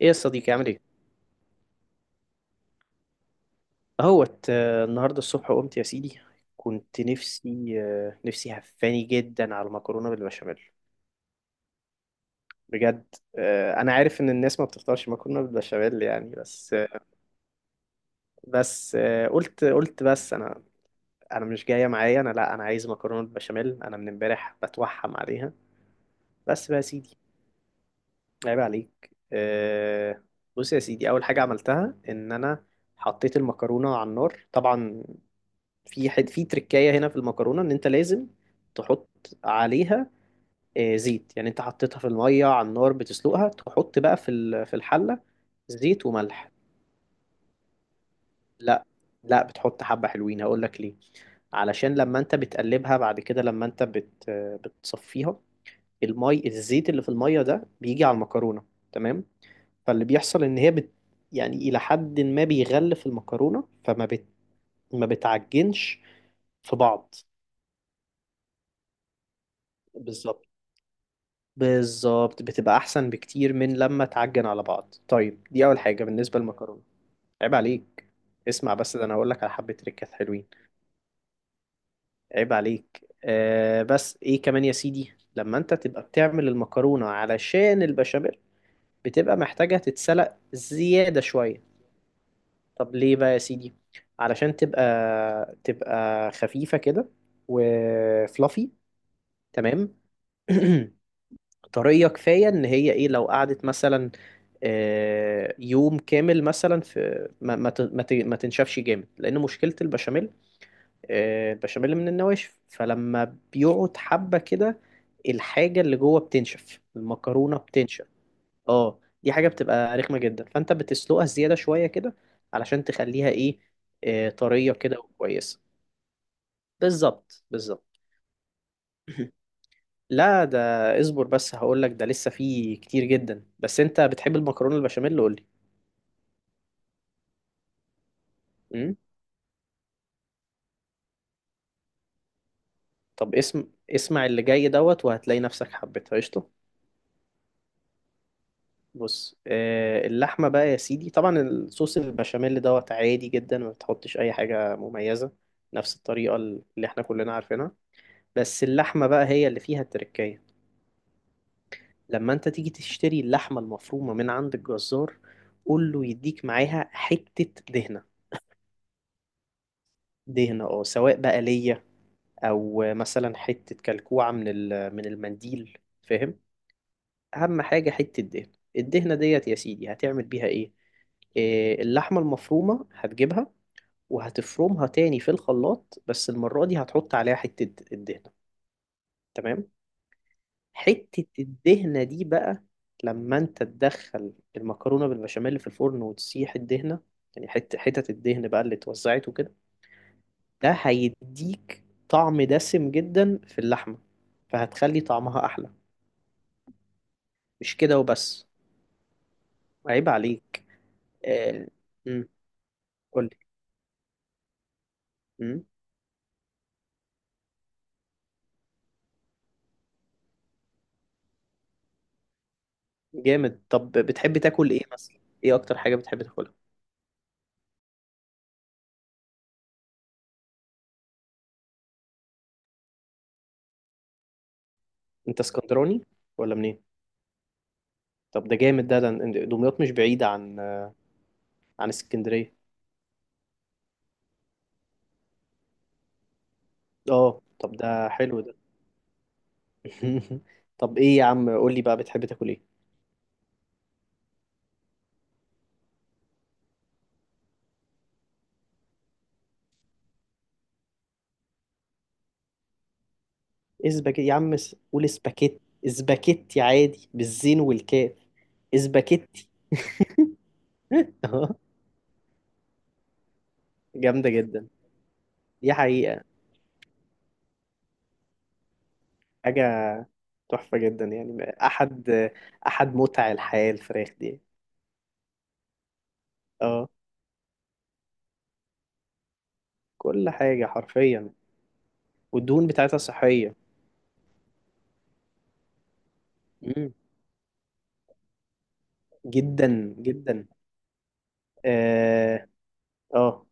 ايه يا صديقي، عامل ايه؟ اهوت النهارده الصبح قمت يا سيدي. كنت نفسي هفاني جدا على المكرونه بالبشاميل، بجد. انا عارف ان الناس ما بتفطرش مكرونه بالبشاميل يعني، بس بس قلت بس انا، انا مش جايه معايا، انا لا، انا عايز مكرونه بالبشاميل، انا من امبارح بتوحم عليها. بس بقى يا سيدي، عيب عليك بص يا سيدي. اول حاجه عملتها ان انا حطيت المكرونه على النار طبعا. في حد في تركاية هنا في المكرونة ان انت لازم تحط عليها زيت، يعني انت حطيتها في المية على النار بتسلقها، تحط بقى في في الحلة زيت وملح. لا لا، بتحط حبة حلوين، هقول لك ليه، علشان لما انت بتقلبها بعد كده لما انت بت بتصفيها، المي الزيت اللي في المية ده بيجي على المكرونة، تمام؟ فاللي بيحصل ان هي يعني الى حد ما بيغلف المكرونة، فما ما بتعجنش في بعض. بالظبط، بالظبط، بتبقى احسن بكتير من لما تعجن على بعض. طيب دي اول حاجه بالنسبه للمكرونه. عيب عليك، اسمع بس ده انا هقول لك على حبه تريكات حلوين. عيب عليك آه، بس ايه كمان يا سيدي، لما انت تبقى بتعمل المكرونه علشان البشاميل بتبقى محتاجه تتسلق زياده شويه. طب ليه بقى يا سيدي؟ علشان تبقى، تبقى خفيفه كده وفلافي، تمام؟ طرية كفاية ان هي ايه، لو قعدت مثلا يوم كامل مثلا في ما تنشفش جامد، لان مشكلة البشاميل البشاميل من النواشف، فلما بيقعد حبة كده الحاجة اللي جوه بتنشف، المكرونة بتنشف، اه دي حاجة بتبقى رخمة جدا. فانت بتسلقها زيادة شوية كده علشان تخليها ايه، طرية كده وكويسة. بالظبط، بالظبط. لا ده، اصبر بس هقول لك، ده لسه فيه كتير جدا. بس انت بتحب المكرونه البشاميل؟ قول لي. امم طب اسمع اللي جاي دوت وهتلاقي نفسك حبيتها، قشطه. بص آه، اللحمه بقى يا سيدي، طبعا الصوص البشاميل دوت عادي جدا، ما بتحطش اي حاجه مميزه، نفس الطريقه اللي احنا كلنا عارفينها. بس اللحمه بقى هي اللي فيها التركية. لما انت تيجي تشتري اللحمه المفرومه من عند الجزار، قول له يديك معاها حته دهنه. دهنة اه، سواء بقى ليا او مثلا حته كلكوعه من من المنديل، فاهم؟ اهم حاجه حته الدهن. الدهنه ديت يا سيدي هتعمل بيها ايه، اللحمه المفرومه هتجيبها وهتفرمها تاني في الخلاط، بس المره دي هتحط عليها حته الدهنه، تمام؟ حته الدهنه دي بقى لما انت تدخل المكرونه بالبشاميل اللي في الفرن وتسيح الدهنه، يعني حتت الدهن بقى اللي اتوزعت وكده، ده هيديك طعم دسم جدا في اللحمه فهتخلي طعمها احلى. مش كده وبس، عيب عليك. آه. امم قول لي. امم جامد. طب بتحب تاكل ايه مثلا؟ ايه اكتر حاجه بتحب تاكلها؟ انت اسكندراني ولا منين؟ طب ده جامد ده، ده دمياط مش بعيده عن، عن اسكندريه. اه طب ده حلو ده. طب ايه يا عم، قول لي بقى، بتحب تاكل ايه؟ اسباجيتي يا عم، قول اسباجيتي، اسباجيتي، عادي بالزين والكاف، اسباجيتي. جامده جدا. دي حقيقه. حاجه تحفة جدا، يعني أحد، أحد متع الحياة الفراخ دي. اه كل حاجة حرفيا. والدهون بتاعتها صحية. مم. جدا جدا. اه اه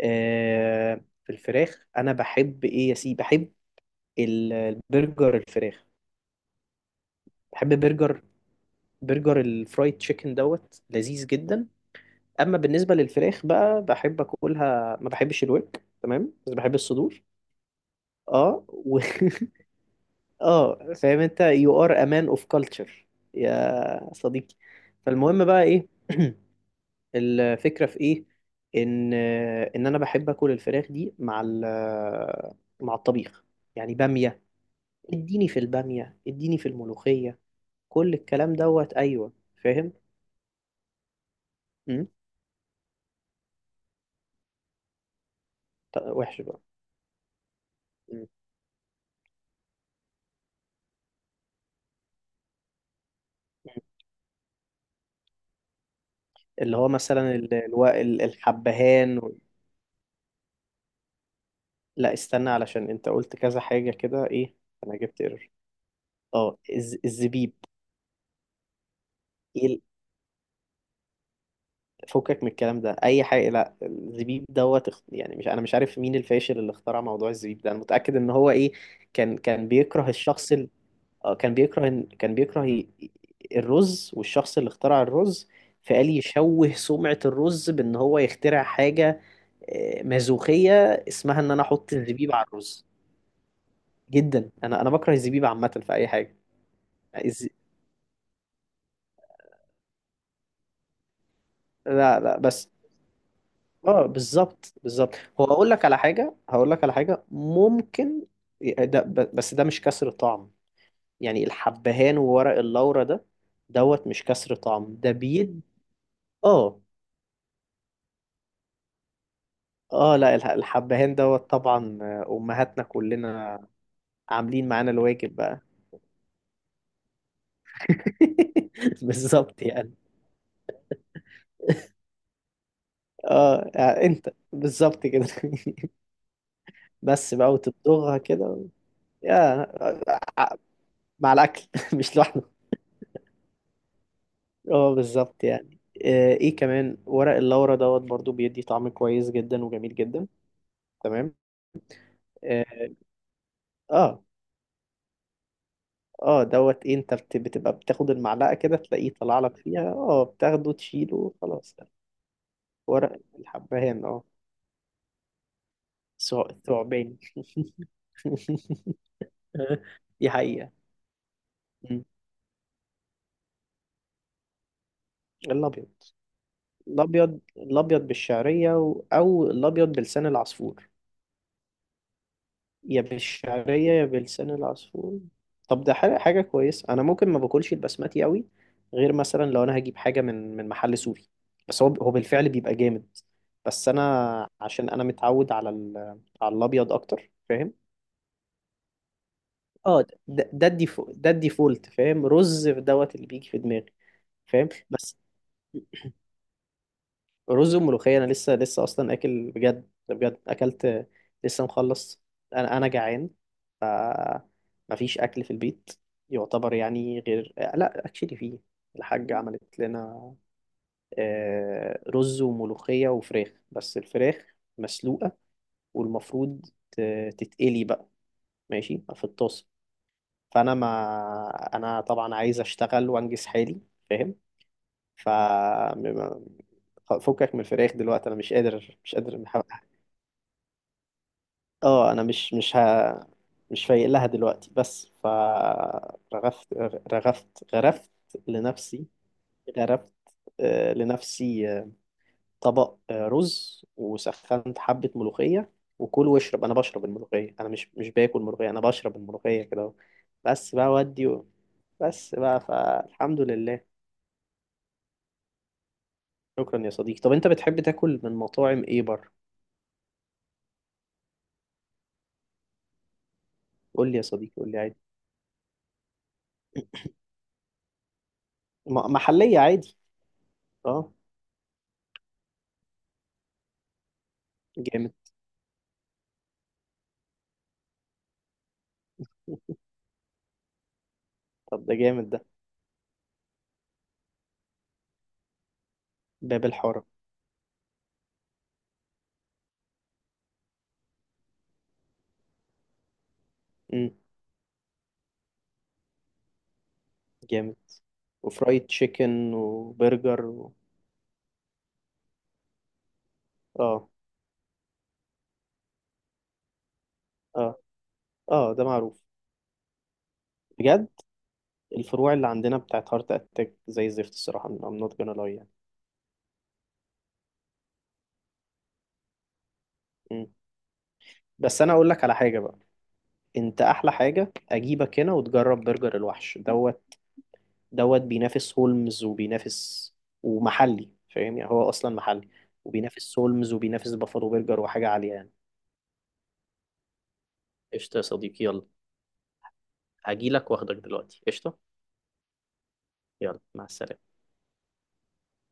آه، في الفراخ أنا بحب إيه يا سيدي، بحب البرجر الفراخ، بحب برجر، برجر الفرايد تشيكن دوت لذيذ جدا. أما بالنسبة للفراخ بقى بحب أكلها، ما بحبش الورك تمام، بس بحب الصدور. اه و... اه فاهم انت، you are a man of culture يا صديقي. فالمهم بقى ايه، الفكرة في ايه؟ ان، ان انا بحب اكل الفراخ دي مع مع الطبيخ، يعني بامية، اديني في البامية، اديني في الملوخية، كل الكلام دوت. ايوه فاهم. امم وحش بقى. مم. اللي هو مثلا الحبهان لا استنى، علشان انت قلت كذا حاجة كده، ايه؟ انا جبت ايرور. اه الزبيب، فكك من الكلام ده اي حاجه. لا الزبيب دوت يعني مش، انا مش عارف مين الفاشل اللي اخترع موضوع الزبيب ده، انا متاكد ان هو ايه، كان بيكره الشخص كان بيكره كان بيكره الرز والشخص اللي اخترع الرز، فقال يشوه سمعه الرز بان هو يخترع حاجه مازوخيه اسمها ان انا احط الزبيب على الرز. جدا، انا انا بكره الزبيب عامه في اي حاجه. الز... لا لا، بس اه بالظبط بالظبط. هو اقول لك على حاجه، هقول لك على حاجه ممكن، بس ده مش كسر طعم، يعني الحبهان وورق اللورا ده دوت مش كسر طعم، ده بيد. اه اه لا الحبهان دوت طبعا امهاتنا كلنا عاملين معانا الواجب بقى. بالظبط يعني. اه آه، انت بالظبط كده. بس بقى وتبدغها كده، يا آه، مع الاكل. مش لوحده. اه بالظبط يعني. ايه كمان ورق اللورا دوت برضو بيدي طعم كويس جدا وجميل جدا. تمام. اه اه دوت إيه، انت بتبقى بتاخد المعلقة كده تلاقيه طلع لك فيها، اه بتاخده تشيله، خلاص. ورق الحبهان اه، ثعبان. دي حقيقة. مم. الأبيض، الأبيض، الأبيض بالشعرية أو الأبيض بلسان العصفور. يا بالشعرية يا بلسان العصفور. طب ده حاجة، حاجة كويسة. أنا ممكن ما باكلش البسمتي قوي غير مثلا لو أنا هجيب حاجة من، من محل سوري، بس هو، هو بالفعل بيبقى جامد. بس أنا عشان أنا متعود على على الأبيض أكتر، فاهم؟ اه ده، ده الديفولت فاهم. رز في دوت اللي بيجي في دماغي. فاهم؟ بس رز وملوخية أنا لسه، لسه أصلا أكل، بجد بجد أكلت لسه مخلص. أنا أنا جعان، ف مفيش أكل في البيت يعتبر، يعني غير لا أكشلي فيه الحاجة عملت لنا رز وملوخية وفراخ، بس الفراخ مسلوقة والمفروض تتقلي بقى، ماشي في الطاسة. فأنا، ما أنا طبعا عايز أشتغل وأنجز حالي، فاهم؟ ف م- فكك من الفراخ دلوقتي، انا مش قادر، مش قادر. اه انا مش، مش ها مش فايق لها دلوقتي، بس فرغفت، رغفت، غرفت لنفسي، غرفت لنفسي طبق رز، وسخنت حبة ملوخية، وكل واشرب. انا بشرب الملوخية، انا مش، مش باكل ملوخية، انا بشرب الملوخية كده. بس بقى ودي، بس بقى فالحمد لله. شكرا يا صديقي. طب انت بتحب تاكل من مطاعم ايه بره؟ قول لي يا صديقي، قول لي عادي، محلية عادي. اه جامد. طب ده جامد ده، باب الحارة. امم جامد. وفرايد تشيكن وبرجر و... اه اه اه ده معروف، بجد. الفروع اللي عندنا بتاعت هارت اتاك زي الزفت الصراحه، I'm not gonna lie يعني. مم. بس انا اقول لك على حاجه بقى، انت احلى حاجه اجيبك هنا وتجرب برجر الوحش دوت، دوت بينافس هولمز وبينافس، ومحلي فاهم، يعني هو اصلا محلي، وبينافس هولمز وبينافس بافالو برجر وحاجه عاليه يعني. قشطه يا صديقي، يلا هجيلك واخدك دلوقتي، قشطه، يلا مع السلامه.